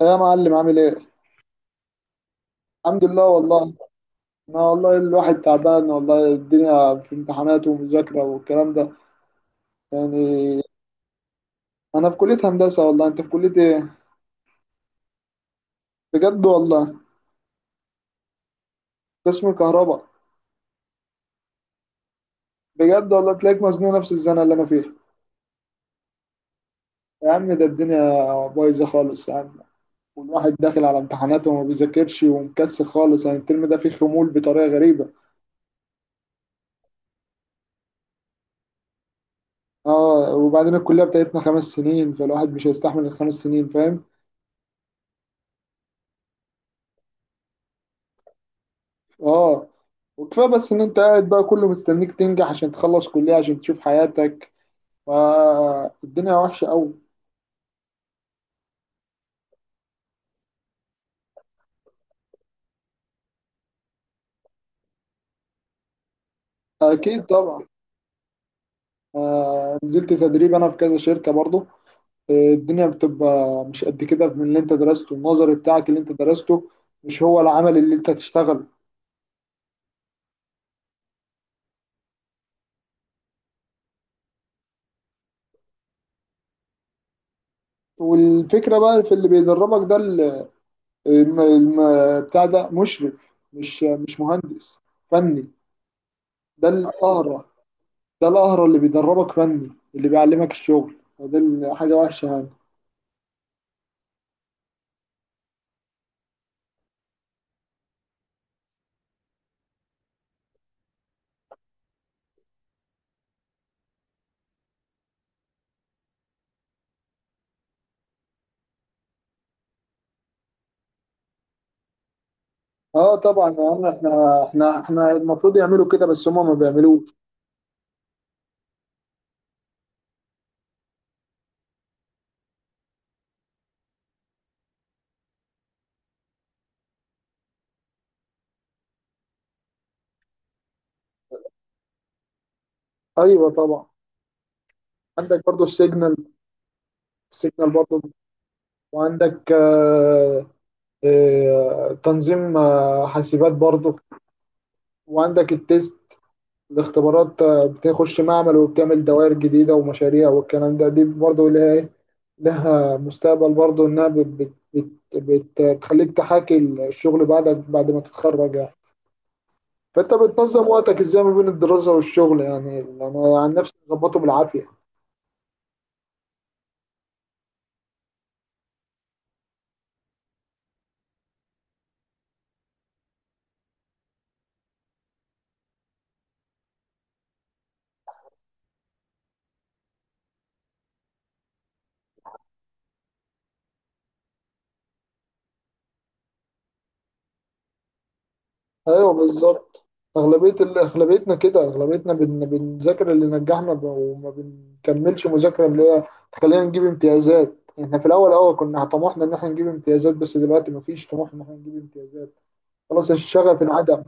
ايه يا معلم عامل ايه؟ الحمد لله والله. انا والله الواحد تعبان والله، الدنيا في امتحانات ومذاكرة والكلام ده يعني. انا في كلية هندسة والله. انت في كلية ايه؟ بجد والله. قسم كهرباء. بجد والله، تلاقيك مزنوق نفس الزنقة اللي انا فيها. يا عم ده الدنيا بايظة خالص يا عم. والواحد داخل على امتحاناته وما بيذاكرش ومكسل خالص، يعني الترم ده فيه خمول بطريقة غريبة. اه، وبعدين الكلية بتاعتنا 5 سنين فالواحد مش هيستحمل ال5 سنين، فاهم؟ اه، وكفايه بس ان انت قاعد بقى كله مستنيك تنجح عشان تخلص كليه عشان تشوف حياتك، فالدنيا وحشه قوي. اكيد طبعا. آه، نزلت تدريب انا في كذا شركه برضو. آه، الدنيا بتبقى مش قد كده، من اللي انت درسته النظري بتاعك اللي انت درسته مش هو العمل اللي انت هتشتغله. والفكره بقى في اللي بيدربك ده، بتاع ده مشرف مش مهندس، فني. ده القهرة، ده القهر اللي بيدربك فني، اللي بيعلمك الشغل، فدي حاجة وحشة يعني. اه طبعا يا عم، احنا المفروض يعملوا كده بس هما ما بيعملوش. ايوه طبعا. عندك برضو السيجنال. السيجنال برضو. وعندك تنظيم حاسبات برضو. وعندك التيست الاختبارات، بتخش معمل وبتعمل دوائر جديدة ومشاريع والكلام ده. دي برضو اللي هي إيه، لها مستقبل برضه، انها بت بت بت بت بتخليك تحاكي الشغل بعدك بعد ما تتخرج يعني. فانت بتنظم وقتك ازاي ما بين الدراسة والشغل؟ يعني انا عن نفسي بظبطه بالعافية. ايوه بالظبط. اغلبية ال- اغلبيتنا كده اغلبيتنا بنذاكر اللي نجحنا وما بنكملش مذاكرة اللي هي تخلينا نجيب امتيازات. احنا في الاول كنا طموحنا ان احنا نجيب امتيازات، بس دلوقتي مفيش طموح ان احنا نجيب امتيازات. خلاص الشغف انعدم.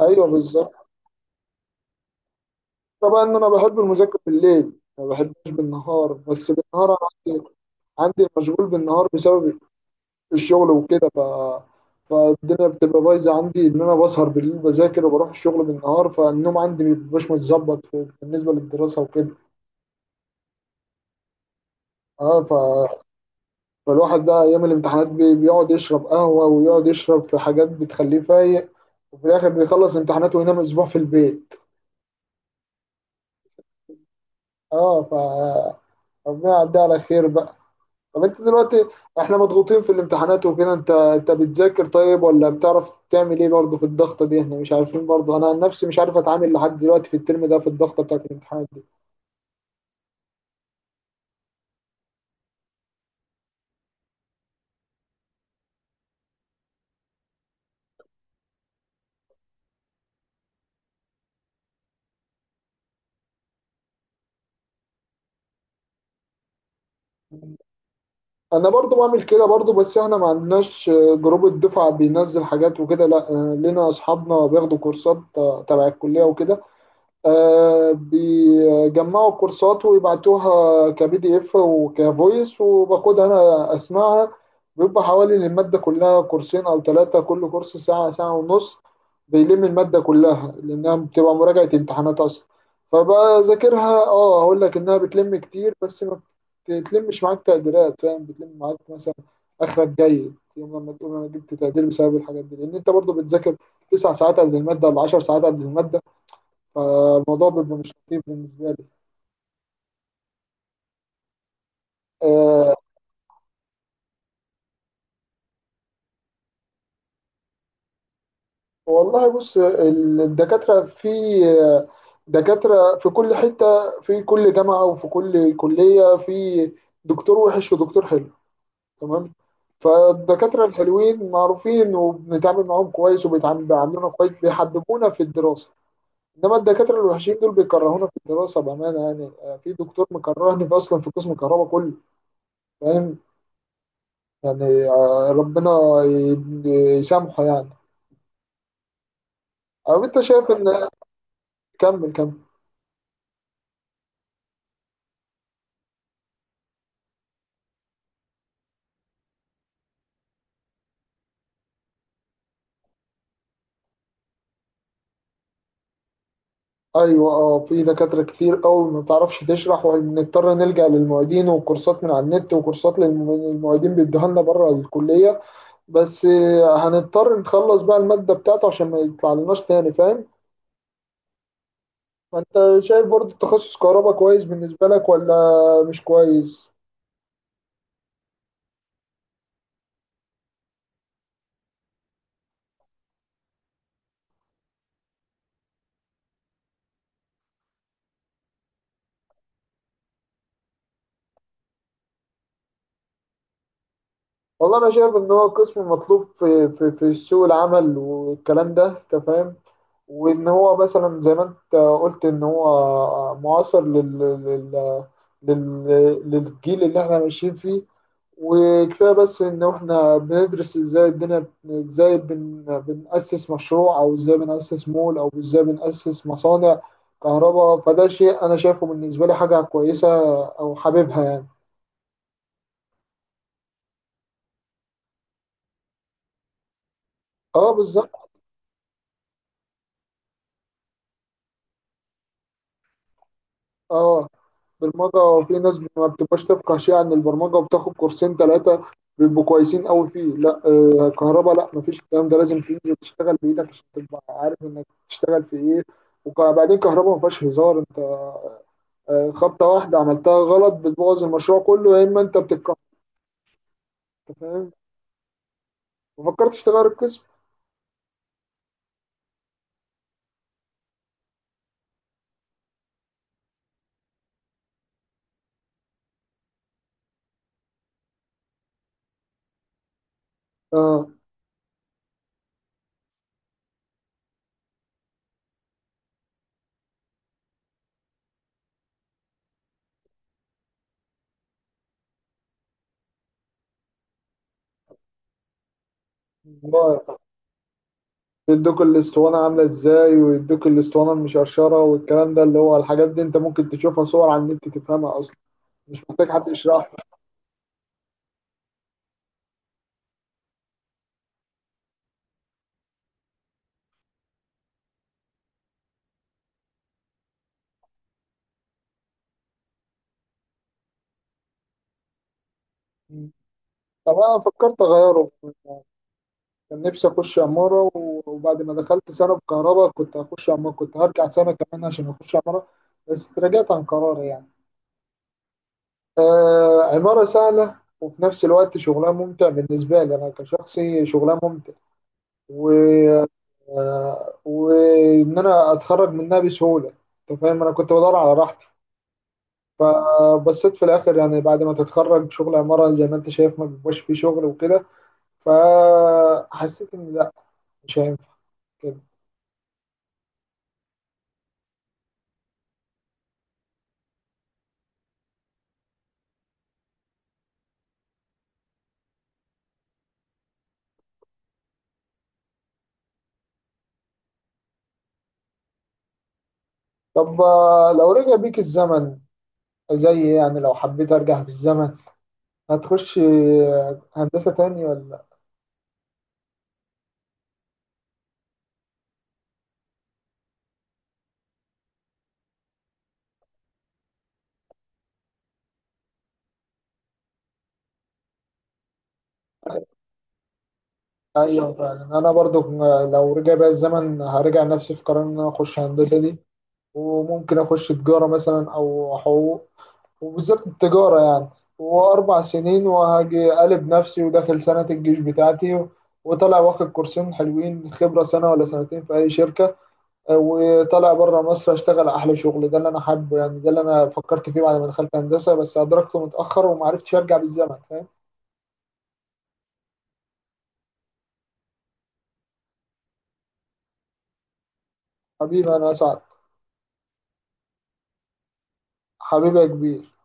ايوه بالظبط. طبعا انا بحب المذاكره بالليل، ما بحبش بالنهار، بس بالنهار انا عندي عندي مشغول بالنهار بسبب الشغل وكده، فالدنيا بتبقى بايظه عندي، ان انا بسهر بالليل بذاكر وبروح الشغل بالنهار، فالنوم عندي ما بيبقاش متظبط بالنسبه للدراسه وكده. اه ف... فالواحد ده ايام الامتحانات بيقعد يشرب قهوه ويقعد يشرب في حاجات بتخليه فايق، وفي الاخر بيخلص امتحاناته وينام اسبوع في البيت. اه ف ربنا يعدي على خير بقى. طب انت دلوقتي احنا مضغوطين في الامتحانات وكده. انت بتذاكر طيب ولا بتعرف تعمل ايه برضه في الضغطه دي؟ احنا مش عارفين برضه، انا عن نفسي مش عارف اتعامل لحد دلوقتي في الترم ده في الضغطه بتاعت الامتحانات دي. انا برضه بعمل كده برضه، بس احنا ما عندناش جروب الدفعه بينزل حاجات وكده، لا. اه، لنا اصحابنا بياخدوا كورسات تبع الكليه وكده. بيجمعوا الكورسات ويبعتوها كبي دي اف وكفويس وباخدها انا اسمعها. بيبقى حوالي للمادة كلها كورسين او 3، كل كورس ساعة ساعة ونص. بيلم المادة كلها لانها بتبقى مراجعة امتحانات اصلا. فبذاكرها. اه هقول لك انها بتلم كتير بس ما بتلمش معاك تقديرات، فاهم؟ بتلم معاك مثلا اخرك جيد، يوم لما تقول انا جبت تقدير بسبب الحاجات دي، لان انت برضو بتذاكر 9 ساعات قبل المادة ولا 10 ساعات قبل المادة. فالموضوع بيبقى مش لطيف بالنسبة لي. آه. والله بص، ال- الدكاترة في آه، دكاترة في كل حتة، في كل جامعة وفي كل كلية. في دكتور وحش ودكتور حلو، تمام؟ فالدكاترة الحلوين معروفين وبنتعامل معاهم كويس وبيتعاملونا كويس، بيحببونا في الدراسة. إنما الدكاترة الوحشين دول بيكرهونا في الدراسة بأمانة. يعني في دكتور مكرهني في أصلا في قسم الكهرباء كله، فاهم؟ يعني ربنا ي- يسامحه يعني. او انت شايف ان. كمل كمل. ايوه. اه، في دكاتره كتير قوي ما بتعرفش تشرح، وبنضطر نلجأ للمعيدين وكورسات من على النت وكورسات المعيدين بيدوها لنا بره الكليه. بس هنضطر نخلص بقى الماده بتاعته عشان ما يطلع لناش تاني، فاهم؟ فانت شايف برضه تخصص كهرباء كويس بالنسبه لك ولا مش كويس؟ والله انا شايف ان هو قسم مطلوب في سوق العمل والكلام ده، انت فاهم. وان هو مثلا زي ما انت قلت ان هو معاصر لل لل لل للجيل اللي احنا ماشيين فيه. وكفايه بس ان احنا بندرس ازاي الدنيا، ازاي بنأسس مشروع او ازاي بنأسس مول او ازاي بنأسس مصانع كهرباء، فده شيء انا شايفه بالنسبه لي حاجه كويسه او حاببها يعني. اه بالظبط. اه، برمجة في ناس ما بتبقاش تفقه شيء عن البرمجة وبتاخد كورسين 3 بيبقوا كويسين قوي فيه. لا، آه كهرباء لا، مفيش الكلام ده. لازم تنزل تشتغل بإيدك عشان تبقى عارف إنك تشتغل في إيه. وبعدين كهرباء ما فيهاش هزار أنت، آه، خبطة واحدة عملتها غلط بتبوظ المشروع كله يا إما أنت بتتكهرب، فاهم؟ ما فكرتش تغير القسم؟ آه والله، يدوك الاسطوانة عاملة ازاي ويدوك الاسطوانة المشرشرة والكلام ده، اللي هو الحاجات دي انت ممكن تشوفها صور على النت تفهمها اصلا، مش محتاج حد يشرح. طب انا فكرت اغيره. كان نفسي اخش عمارة. وبعد ما دخلت سنة في كهرباء كنت هخش عمارة، كنت هرجع سنة كمان عشان اخش عمارة، بس تراجعت عن قراري يعني. آه، عمارة سهلة وفي نفس الوقت شغلها ممتع، بالنسبة لي انا كشخصي شغلها ممتع و آه وان انا اتخرج منها بسهولة. انت فاهم انا كنت بدور على راحتي. فبصيت في الاخر يعني بعد ما تتخرج شغل عمارة زي ما انت شايف ما بيبقاش فيه شغل وكده. فحسيت ان لا، مش هينفع كده. طب لو رجع بيك الزمن، زي يعني لو حبيت ارجع بالزمن، هتخش هندسة تاني ولا؟ ايوه فعلا انا برضو، لو رجع بيا الزمن، هرجع نفسي في قرار ان انا اخش هندسة دي. وممكن اخش تجارة مثلا او حقوق، وبالذات التجارة يعني، واربع سنين وهاجي قلب نفسي وداخل سنة الجيش بتاعتي، وطلع واخد كورسين حلوين خبرة سنة ولا سنتين في اي شركة، وطلع بره مصر اشتغل احلى شغل، ده اللي انا حابه يعني، ده اللي انا فكرت فيه بعد ما دخلت هندسه بس ادركته متاخر وما عرفتش ارجع بالزمن، فاهم؟ حبيبي انا اسعد. حبيبي يا كبير.